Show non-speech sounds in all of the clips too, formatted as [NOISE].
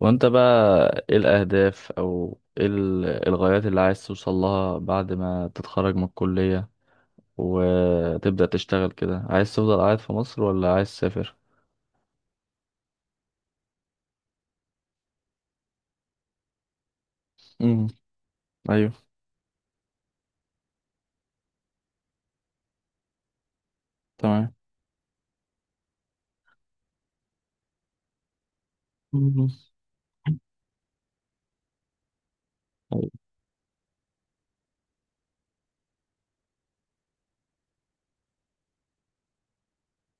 وانت بقى ايه الاهداف او ايه الغايات اللي عايز توصل لها بعد ما تتخرج من الكلية وتبدأ تشتغل كده؟ عايز تفضل قاعد في مصر ولا عايز تسافر؟ امم. ايوه. تمام. مم. أيوة.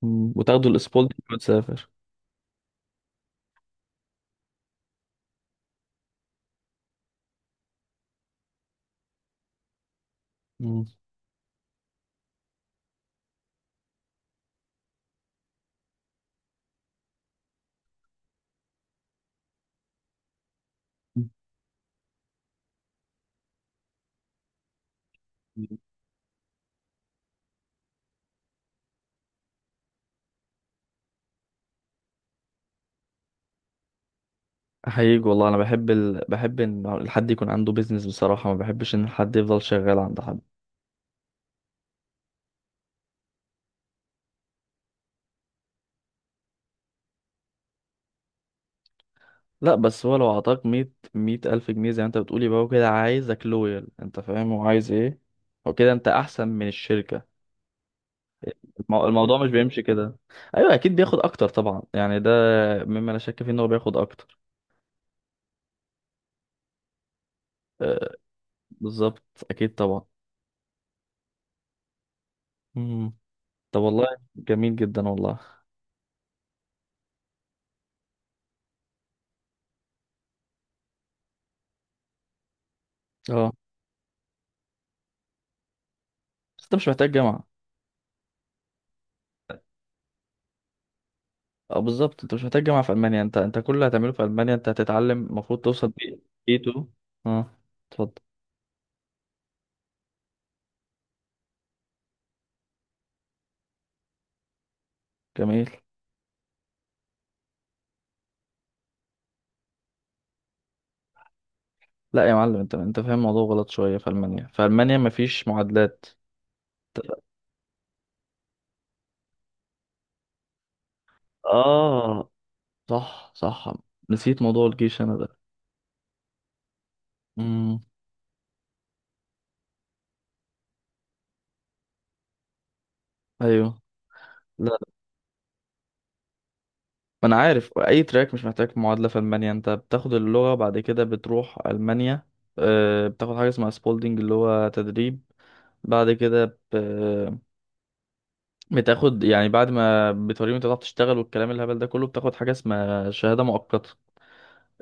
وتاخدوا الاسبولدي وتسافر؟ امم. احييك والله، انا بحب بحب ان الحد يكون عنده بيزنس، بصراحة ما بحبش ان الحد يفضل شغال عند حد. لا، بس هو لو عطاك مية ألف جنيه زي ما انت بتقول، يبقى هو كده عايزك لويال. انت فاهم هو عايز ايه؟ هو كده انت احسن من الشركة. الموضوع مش بيمشي كده. ايوه اكيد بياخد اكتر طبعا، يعني ده مما لا شك فيه ان هو بياخد اكتر. أه، بالظبط. اكيد طبعا. مم. طب والله. جميل جدا والله. اه، بس انت مش محتاج جامعة. اه بالظبط، انت مش محتاج جامعة في المانيا. انت كل اللي هتعمله في المانيا انت هتتعلم، المفروض توصل بيه اي 2. اه، اتفضل. جميل. لا يا معلم، انت فاهم الموضوع غلط شويه. في المانيا، مفيش معادلات. اه، صح صح. نسيت موضوع الجيش انا ده. امم. ايوه. لا، ما انا عارف اي تراك مش محتاج معادله. في المانيا انت بتاخد اللغه، بعد كده بتروح المانيا، آه، بتاخد حاجه اسمها سبولدنج اللي هو تدريب. بعد كده بتاخد، يعني بعد ما بتوريهم انت بتعرف تشتغل والكلام الهبل ده كله، بتاخد حاجه اسمها شهاده مؤقته.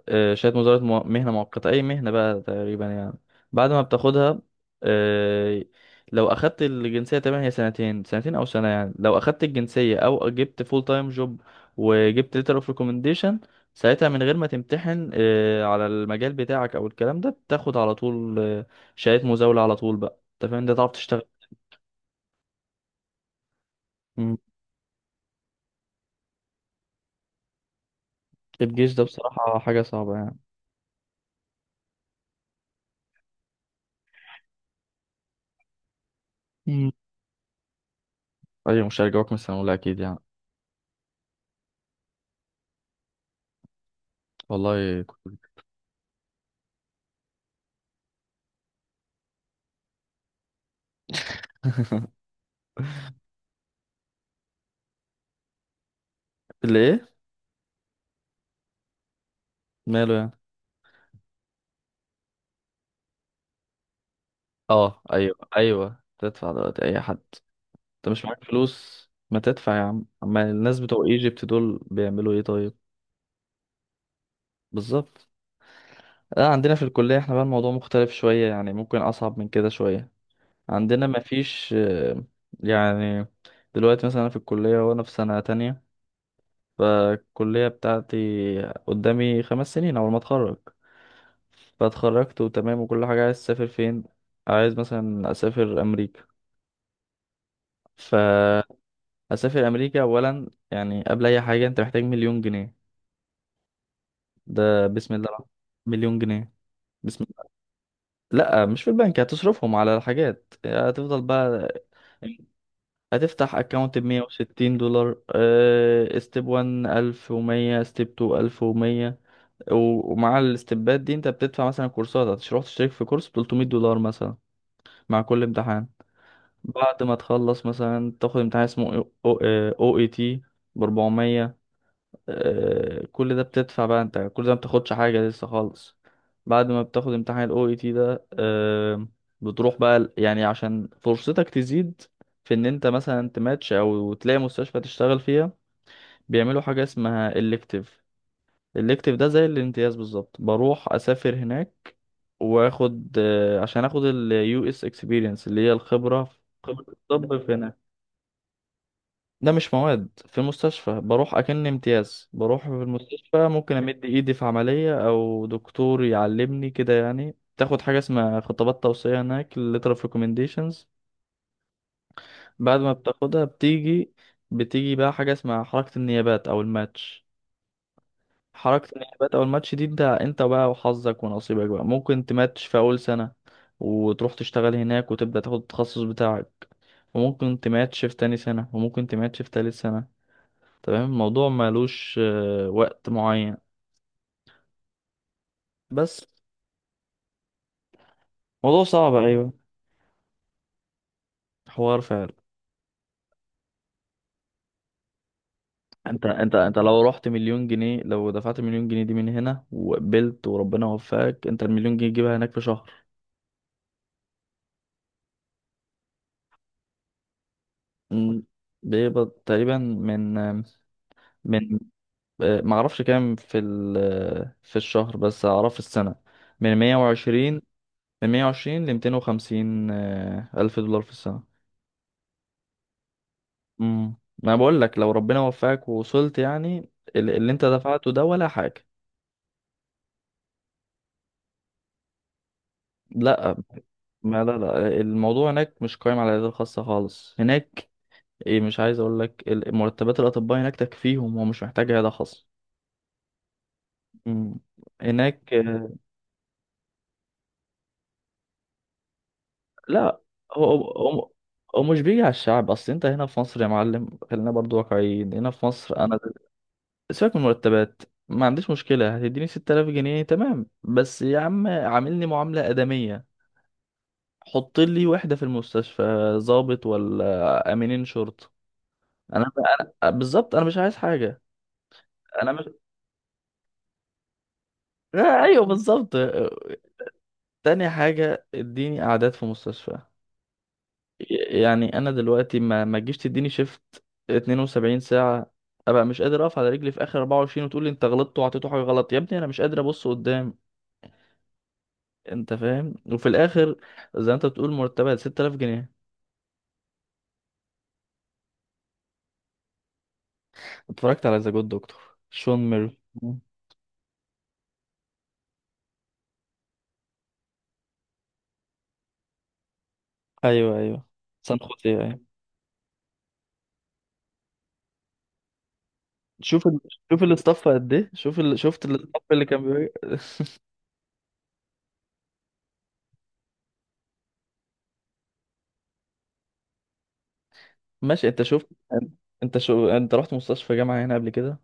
آه، شهادة مزاولة مهنة مؤقتة، أي مهنة بقى تقريبا يعني. بعد ما بتاخدها، آه، لو أخدت الجنسية تقريبا هي سنتين أو سنة يعني، لو أخدت الجنسية أو جبت فول تايم جوب وجبت ليتر اوف ريكومنديشن، ساعتها من غير ما تمتحن، آه، على المجال بتاعك أو الكلام ده، بتاخد على طول، آه، شهادة مزاولة على طول بقى. أنت فاهم، ده تعرف تشتغل. مم. الجيش ده بصراحة حاجة صعبة يعني. مم. أيوة، مش هرجعوك من السنة الأولى أكيد يعني. والله كنت. اللي إيه؟ ماله يعني. اه ايوه ايوه، تدفع دلوقتي اي حد. انت مش معاك فلوس ما تدفع يا عم، اما الناس بتوع ايجيبت دول بيعملوا ايه طيب؟ بالظبط. لا، عندنا في الكلية احنا بقى الموضوع مختلف شوية يعني، ممكن اصعب من كده شوية. عندنا ما فيش، يعني، دلوقتي مثلا انا في الكلية وانا في سنة تانية، فالكلية بتاعتي قدامي 5 سنين. اول ما اتخرج فاتخرجت وتمام وكل حاجة، عايز اسافر فين؟ عايز مثلا اسافر امريكا. ف اسافر امريكا، اولا يعني قبل اي حاجه انت محتاج مليون جنيه. ده بسم الله الرحمن. مليون جنيه، بسم الله. لا، مش في البنك، هتصرفهم على الحاجات هتفضل بقى. هتفتح اكونت ب 160 دولار، آه، ستيب 1 1100، ستيب 2 1100. ومع الستبات دي انت بتدفع مثلا كورسات، هتروح تشترك في كورس ب 300 دولار مثلا مع كل امتحان. بعد ما تخلص مثلا تاخد امتحان اسمه او اي تي ب 400. آه، كل ده بتدفع بقى انت، كل ده ما بتاخدش حاجة لسه خالص. بعد ما بتاخد امتحان ال OET ده، آه، بتروح بقى يعني عشان فرصتك تزيد في ان انت مثلا تماتش او تلاقي مستشفى تشتغل فيها. بيعملوا حاجة اسمها elective. elective ده زي الامتياز بالظبط، بروح اسافر هناك. واخد، آه، عشان اخد ال US experience اللي هي الخبرة خبرة الطب في هناك. ده مش مواد. في المستشفى بروح اكن امتياز، بروح في المستشفى ممكن امد ايدي في عملية او دكتور يعلمني كده يعني. تاخد حاجة اسمها خطابات توصية هناك، letter of recommendations. بعد ما بتاخدها بتيجي بقى حاجة اسمها حركة النيابات او الماتش. حركة النيابات او الماتش دي انت بقى وحظك ونصيبك بقى، ممكن تماتش في اول سنة وتروح تشتغل هناك وتبدأ تاخد التخصص بتاعك. وممكن تماتش في تاني سنة، وممكن تماتش في تالت سنة تمام. الموضوع مالوش، آه، وقت معين بس. موضوع صعب، ايوه. حوار فعلا. انت لو رحت مليون جنيه، لو دفعت مليون جنيه دي من هنا وقبلت وربنا وفقك، انت المليون جنيه تجيبها هناك في شهر. م، بيقبض تقريبا من آه، معرفش كام في ال آه، في الشهر، بس اعرف في السنة، من 120، ل 250، الف دولار في السنة. امم. ما بقول لك لو ربنا وفقك ووصلت يعني، اللي انت دفعته ده ولا حاجة. لا، ما لا لا، الموضوع هناك مش قايم على العيادات الخاصة خالص هناك. ايه، مش عايز اقول لك مرتبات الأطباء هناك تكفيهم ومش محتاج عيادة خاصة. امم. هناك، لا. هو هو هو مش بيجي على الشعب. اصل انت هنا في مصر يا معلم، خلينا برضو واقعيين. هنا في مصر انا، سيبك من المرتبات. ما عنديش مشكلة، هتديني 6000 جنيه تمام، بس يا عم عاملني معاملة آدمية. حط لي وحدة في المستشفى، ضابط ولا امينين شرطة. انا بالظبط انا مش عايز حاجة. انا مش [LAUGHS] ايوه بالظبط. تاني حاجة، اديني اعداد في مستشفى. يعني انا دلوقتي، ما تجيش تديني شيفت 72 ساعة، ابقى مش قادر اقف على رجلي في اخر 24 وتقول لي انت غلطت وعطيته حاجة غلط، يا ابني انا مش قادر ابص قدام. انت فاهم. وفي الاخر زي ما انت بتقول مرتبها 6000 جنيه. اتفرجت على ذا جود دكتور، شون ميري. مم. ايوه ايوه، سان خوسيه. أيوه. شوف ال... شوف الاستاف قد ايه. شفت الاستاف اللي كان بي... [LAUGHS] ماشي، انت شفت؟ انت رحت مستشفى جامعة هنا قبل كده؟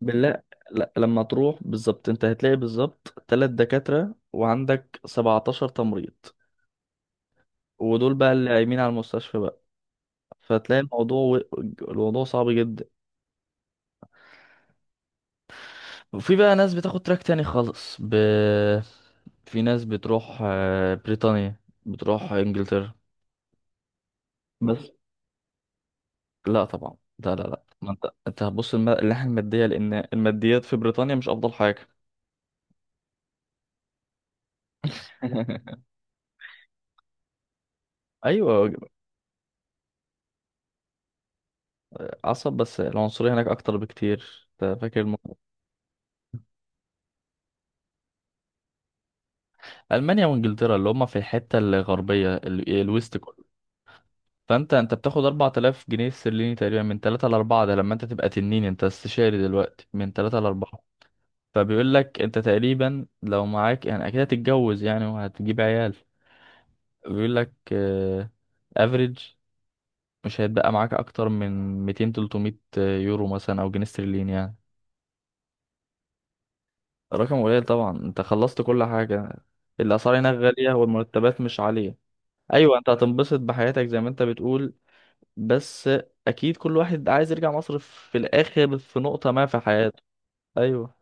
بالله. لا، لما تروح بالظبط انت هتلاقي بالظبط تلات دكاترة وعندك 17 تمريض. ودول بقى اللي قايمين على المستشفى بقى، فتلاقي الموضوع، و... الموضوع صعب جدا. وفي بقى ناس بتاخد تراك تاني خالص في ناس بتروح، بريطانيا، بتروح انجلترا. بس. لا طبعا، لا لا لا، ما انت هتبص الناحيه الماديه، لان الماديات في بريطانيا مش افضل حاجه. [LAUGHS] ايوه. عصب، بس العنصريه هناك اكتر بكتير. انت فاكر الم... المانيا وانجلترا اللي هم في الحته الغربيه، الويست كله. فانت بتاخد 4000 جنيه استرليني تقريبا، من 3 ل 4، ده لما انت تبقى تنين، انت استشاري دلوقتي، من 3 ل 4. فبيقول لك انت تقريبا لو معاك، يعني اكيد هتتجوز يعني وهتجيب عيال. بيقول لك افريج، مش هيتبقى معاك اكتر من 200، 300 يورو مثلا او جنيه استرليني يعني. رقم قليل طبعا، انت خلصت كل حاجه. الاسعار هناك غاليه والمرتبات مش عاليه. ايوه، انت هتنبسط بحياتك زي ما انت بتقول، بس اكيد كل واحد عايز يرجع مصر في الاخر في نقطه ما في حياته. ايوه.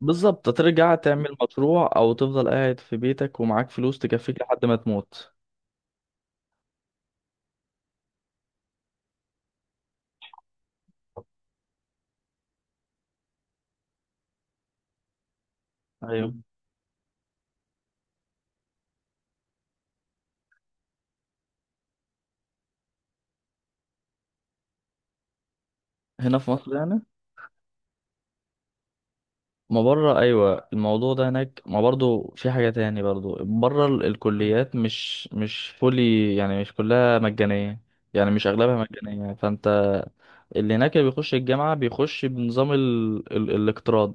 بالظبط، ترجع تعمل مشروع او تفضل قاعد في بيتك ومعاك فلوس تكفيك لحد ما تموت. ايوه. هنا في مصر يعني. ما بره، ايوه. الموضوع ده هناك ما برضو في حاجه تاني برضو، بره الكليات مش فولي، يعني مش كلها مجانيه. يعني مش اغلبها مجانيه، فانت اللي هناك اللي بيخش الجامعه بيخش بنظام الاقتراض.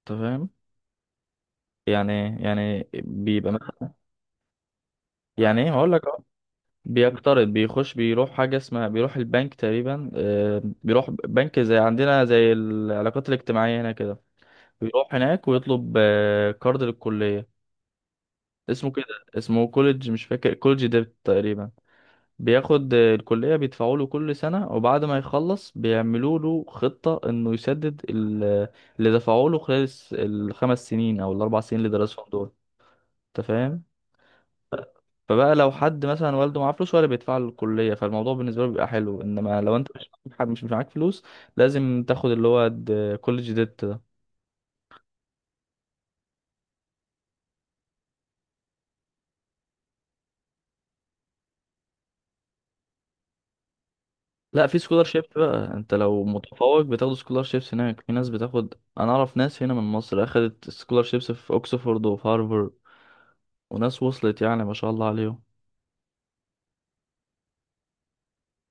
انت فاهم يعني إيه؟ يعني بيبقى مثلا، يعني ايه، هقول لك اهو. بيقترض، بيخش بيروح حاجه اسمها، بيروح البنك تقريبا، بيروح بنك زي عندنا زي العلاقات الاجتماعيه هنا كده. بيروح هناك ويطلب، كارد للكليه اسمه كده. اسمه كوليدج، مش فاكر، كوليدج ديبت تقريبا. بياخد، الكلية بيدفعوا له كل سنة، وبعد ما يخلص بيعملوا له خطة انه يسدد اللي دفعوا له خلال الخمس سنين او الاربع سنين اللي درسهم دول. انت فاهم. فبقى لو حد مثلا والده معاه فلوس ولا بيدفع له الكلية، فالموضوع بالنسبة له بيبقى حلو. انما لو انت مش معاك فلوس، لازم تاخد اللي هو كوليدج ديبت. لا، في سكولار شيب بقى، انت لو متفوق بتاخد سكولار شيبس. هناك في ناس بتاخد. انا اعرف ناس هنا من مصر اخدت سكولار شيبس في اوكسفورد وفي هارفارد. وناس وصلت يعني ما شاء الله عليهم.